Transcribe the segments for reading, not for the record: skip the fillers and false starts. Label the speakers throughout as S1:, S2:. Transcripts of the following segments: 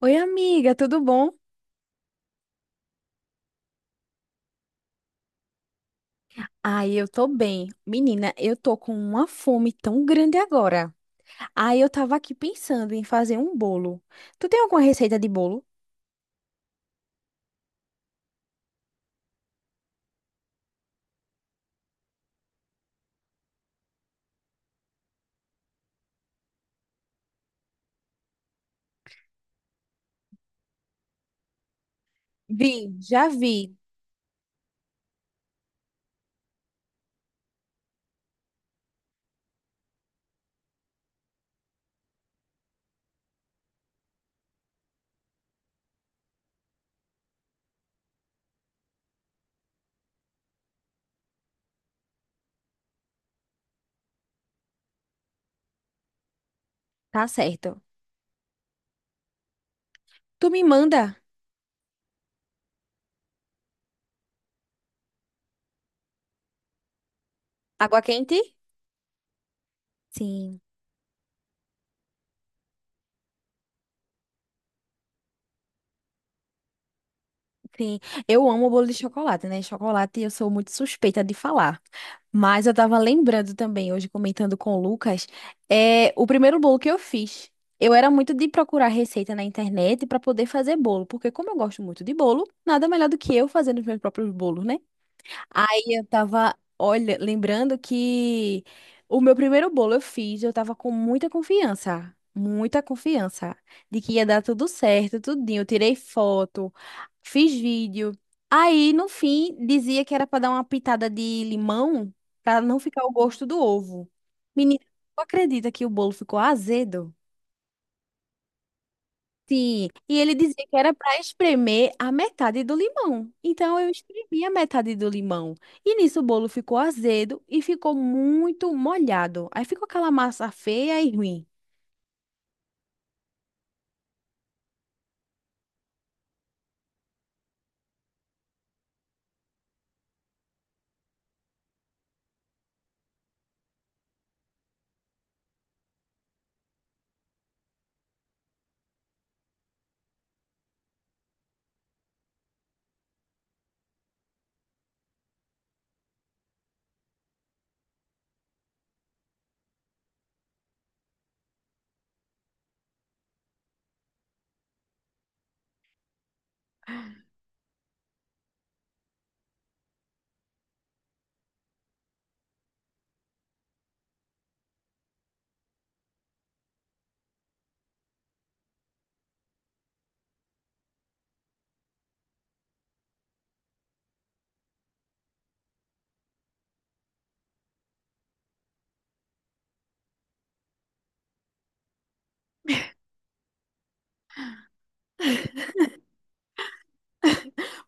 S1: Oi, amiga, tudo bom? Ai, eu tô bem. Menina, eu tô com uma fome tão grande agora. Ai, eu tava aqui pensando em fazer um bolo. Tu tem alguma receita de bolo? Vi, já vi. Tá certo. Tu me manda água quente? Sim. Sim, eu amo bolo de chocolate, né? Chocolate eu sou muito suspeita de falar. Mas eu tava lembrando também, hoje comentando com o Lucas, é o primeiro bolo que eu fiz. Eu era muito de procurar receita na internet para poder fazer bolo, porque como eu gosto muito de bolo, nada melhor do que eu fazendo os meus próprios bolos, né? Aí eu tava, olha, lembrando que o meu primeiro bolo eu fiz, eu tava com muita confiança de que ia dar tudo certo, tudinho. Eu tirei foto, fiz vídeo. Aí, no fim, dizia que era pra dar uma pitada de limão pra não ficar o gosto do ovo. Menina, tu acredita que o bolo ficou azedo? Sim, e ele dizia que era para espremer a metade do limão. Então eu espremi a metade do limão. E nisso o bolo ficou azedo e ficou muito molhado. Aí ficou aquela massa feia e ruim.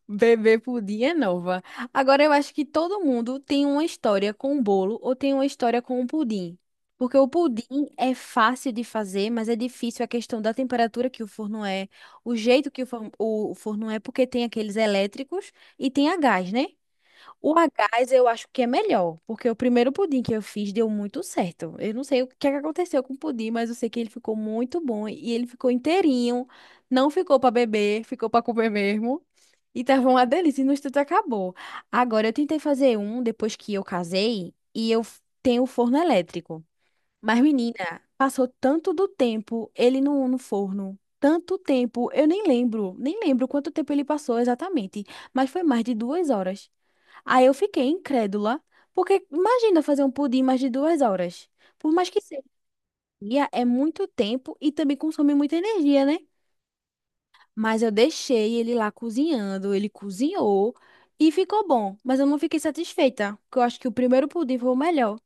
S1: Bebê pudim é nova. Agora eu acho que todo mundo tem uma história com o bolo ou tem uma história com o pudim. Porque o pudim é fácil de fazer, mas é difícil a questão da temperatura que o forno é, o jeito que o forno é, porque tem aqueles elétricos e tem a gás, né? O a gás eu acho que é melhor, porque o primeiro pudim que eu fiz deu muito certo. Eu não sei o que é que aconteceu com o pudim, mas eu sei que ele ficou muito bom e ele ficou inteirinho, não ficou para beber, ficou para comer mesmo. E tava uma delícia, e no instante acabou. Agora eu tentei fazer um depois que eu casei e tenho o forno elétrico. Mas menina, passou tanto do tempo ele no forno. Tanto tempo, eu nem lembro, nem lembro quanto tempo ele passou exatamente, mas foi mais de 2 horas. Aí eu fiquei incrédula, porque imagina fazer um pudim mais de 2 horas. Por mais que seja dia, é muito tempo e também consome muita energia, né? Mas eu deixei ele lá cozinhando, ele cozinhou e ficou bom. Mas eu não fiquei satisfeita, porque eu acho que o primeiro pudim foi o melhor.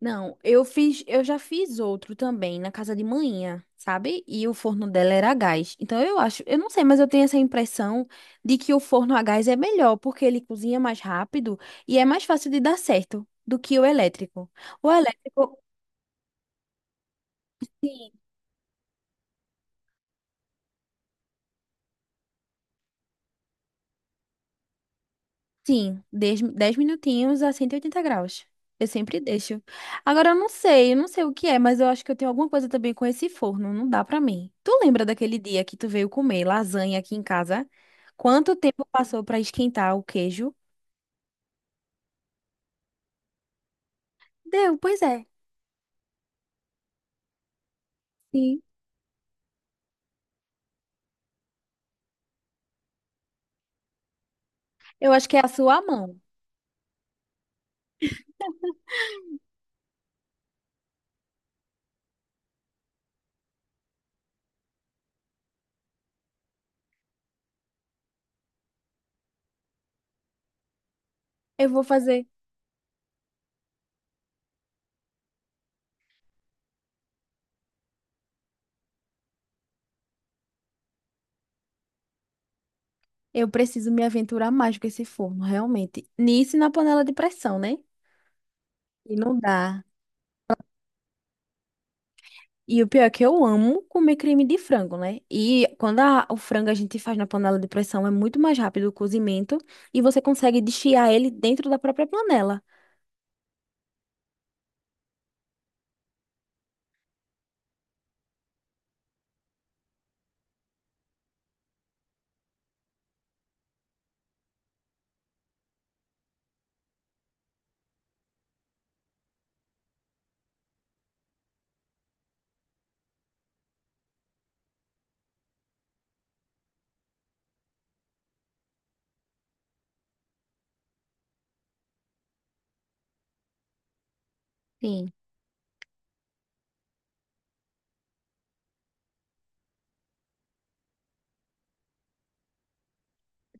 S1: Não, eu já fiz outro também na casa de manhã, sabe? E o forno dela era a gás. Então eu acho, eu não sei, mas eu tenho essa impressão de que o forno a gás é melhor, porque ele cozinha mais rápido e é mais fácil de dar certo do que o elétrico. O elétrico, sim. Sim, dez minutinhos a 180 graus. Eu sempre deixo. Agora eu não sei o que é, mas eu acho que eu tenho alguma coisa também com esse forno, não dá pra mim. Tu lembra daquele dia que tu veio comer lasanha aqui em casa? Quanto tempo passou pra esquentar o queijo? Deu, pois é. Sim. Eu acho que é a sua mão. Eu vou fazer. Eu preciso me aventurar mais com esse forno, realmente. Nisso e na panela de pressão, né? E não dá. E o pior é que eu amo comer creme de frango, né? E quando o frango a gente faz na panela de pressão, é muito mais rápido o cozimento e você consegue desfiar ele dentro da própria panela. Sim.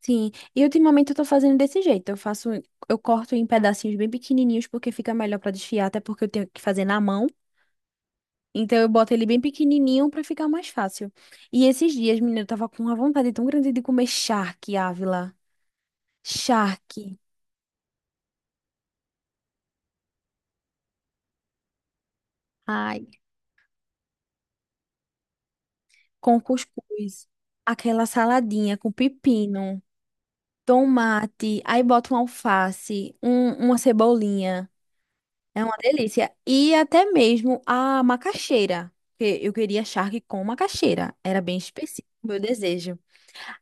S1: Sim, e ultimamente eu tô fazendo desse jeito. Eu corto em pedacinhos bem pequenininhos porque fica melhor pra desfiar, até porque eu tenho que fazer na mão. Então eu boto ele bem pequenininho pra ficar mais fácil. E esses dias, menina, eu tava com uma vontade tão grande de comer charque, Ávila. Charque. Ai, com cuscuz, aquela saladinha com pepino, tomate, aí bota um alface, uma cebolinha. É uma delícia. E até mesmo a macaxeira, porque eu queria charque com macaxeira. Era bem específico o meu desejo.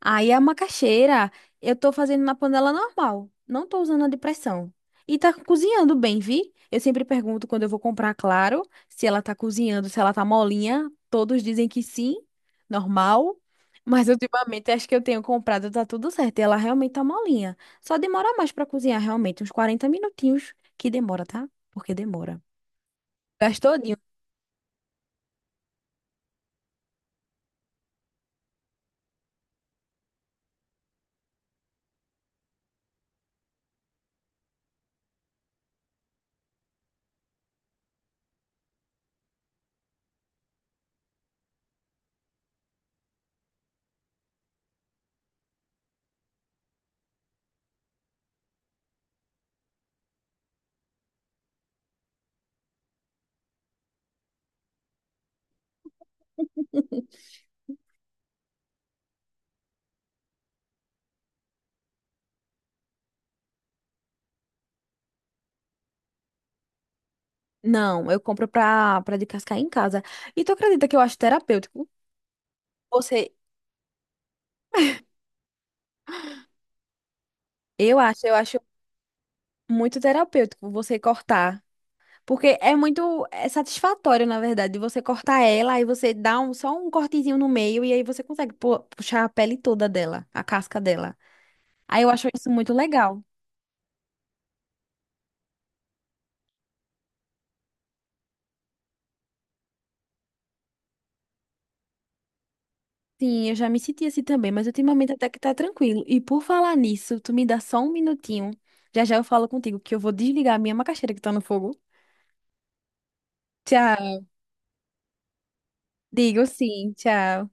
S1: Aí a macaxeira eu tô fazendo na panela normal, não tô usando a de pressão. E tá cozinhando bem, vi? Eu sempre pergunto quando eu vou comprar, claro, se ela tá cozinhando, se ela tá molinha. Todos dizem que sim, normal. Mas ultimamente acho que eu tenho comprado, tá tudo certo. E ela realmente tá molinha. Só demora mais pra cozinhar, realmente, uns 40 minutinhos que demora, tá? Porque demora. Gastodinho. Não, eu compro pra descascar em casa. E tu acredita que eu acho terapêutico? Você eu acho muito terapêutico você cortar. Porque é muito é satisfatório, na verdade, você cortar ela, aí você dá um, só um cortezinho no meio e aí você consegue puxar a pele toda dela, a casca dela. Aí eu acho isso muito legal. Sim, eu já me senti assim também, mas ultimamente até que tá tranquilo. E por falar nisso, tu me dá só um minutinho. Já já eu falo contigo que eu vou desligar a minha macaxeira que tá no fogo. Tchau. Digo sim, tchau.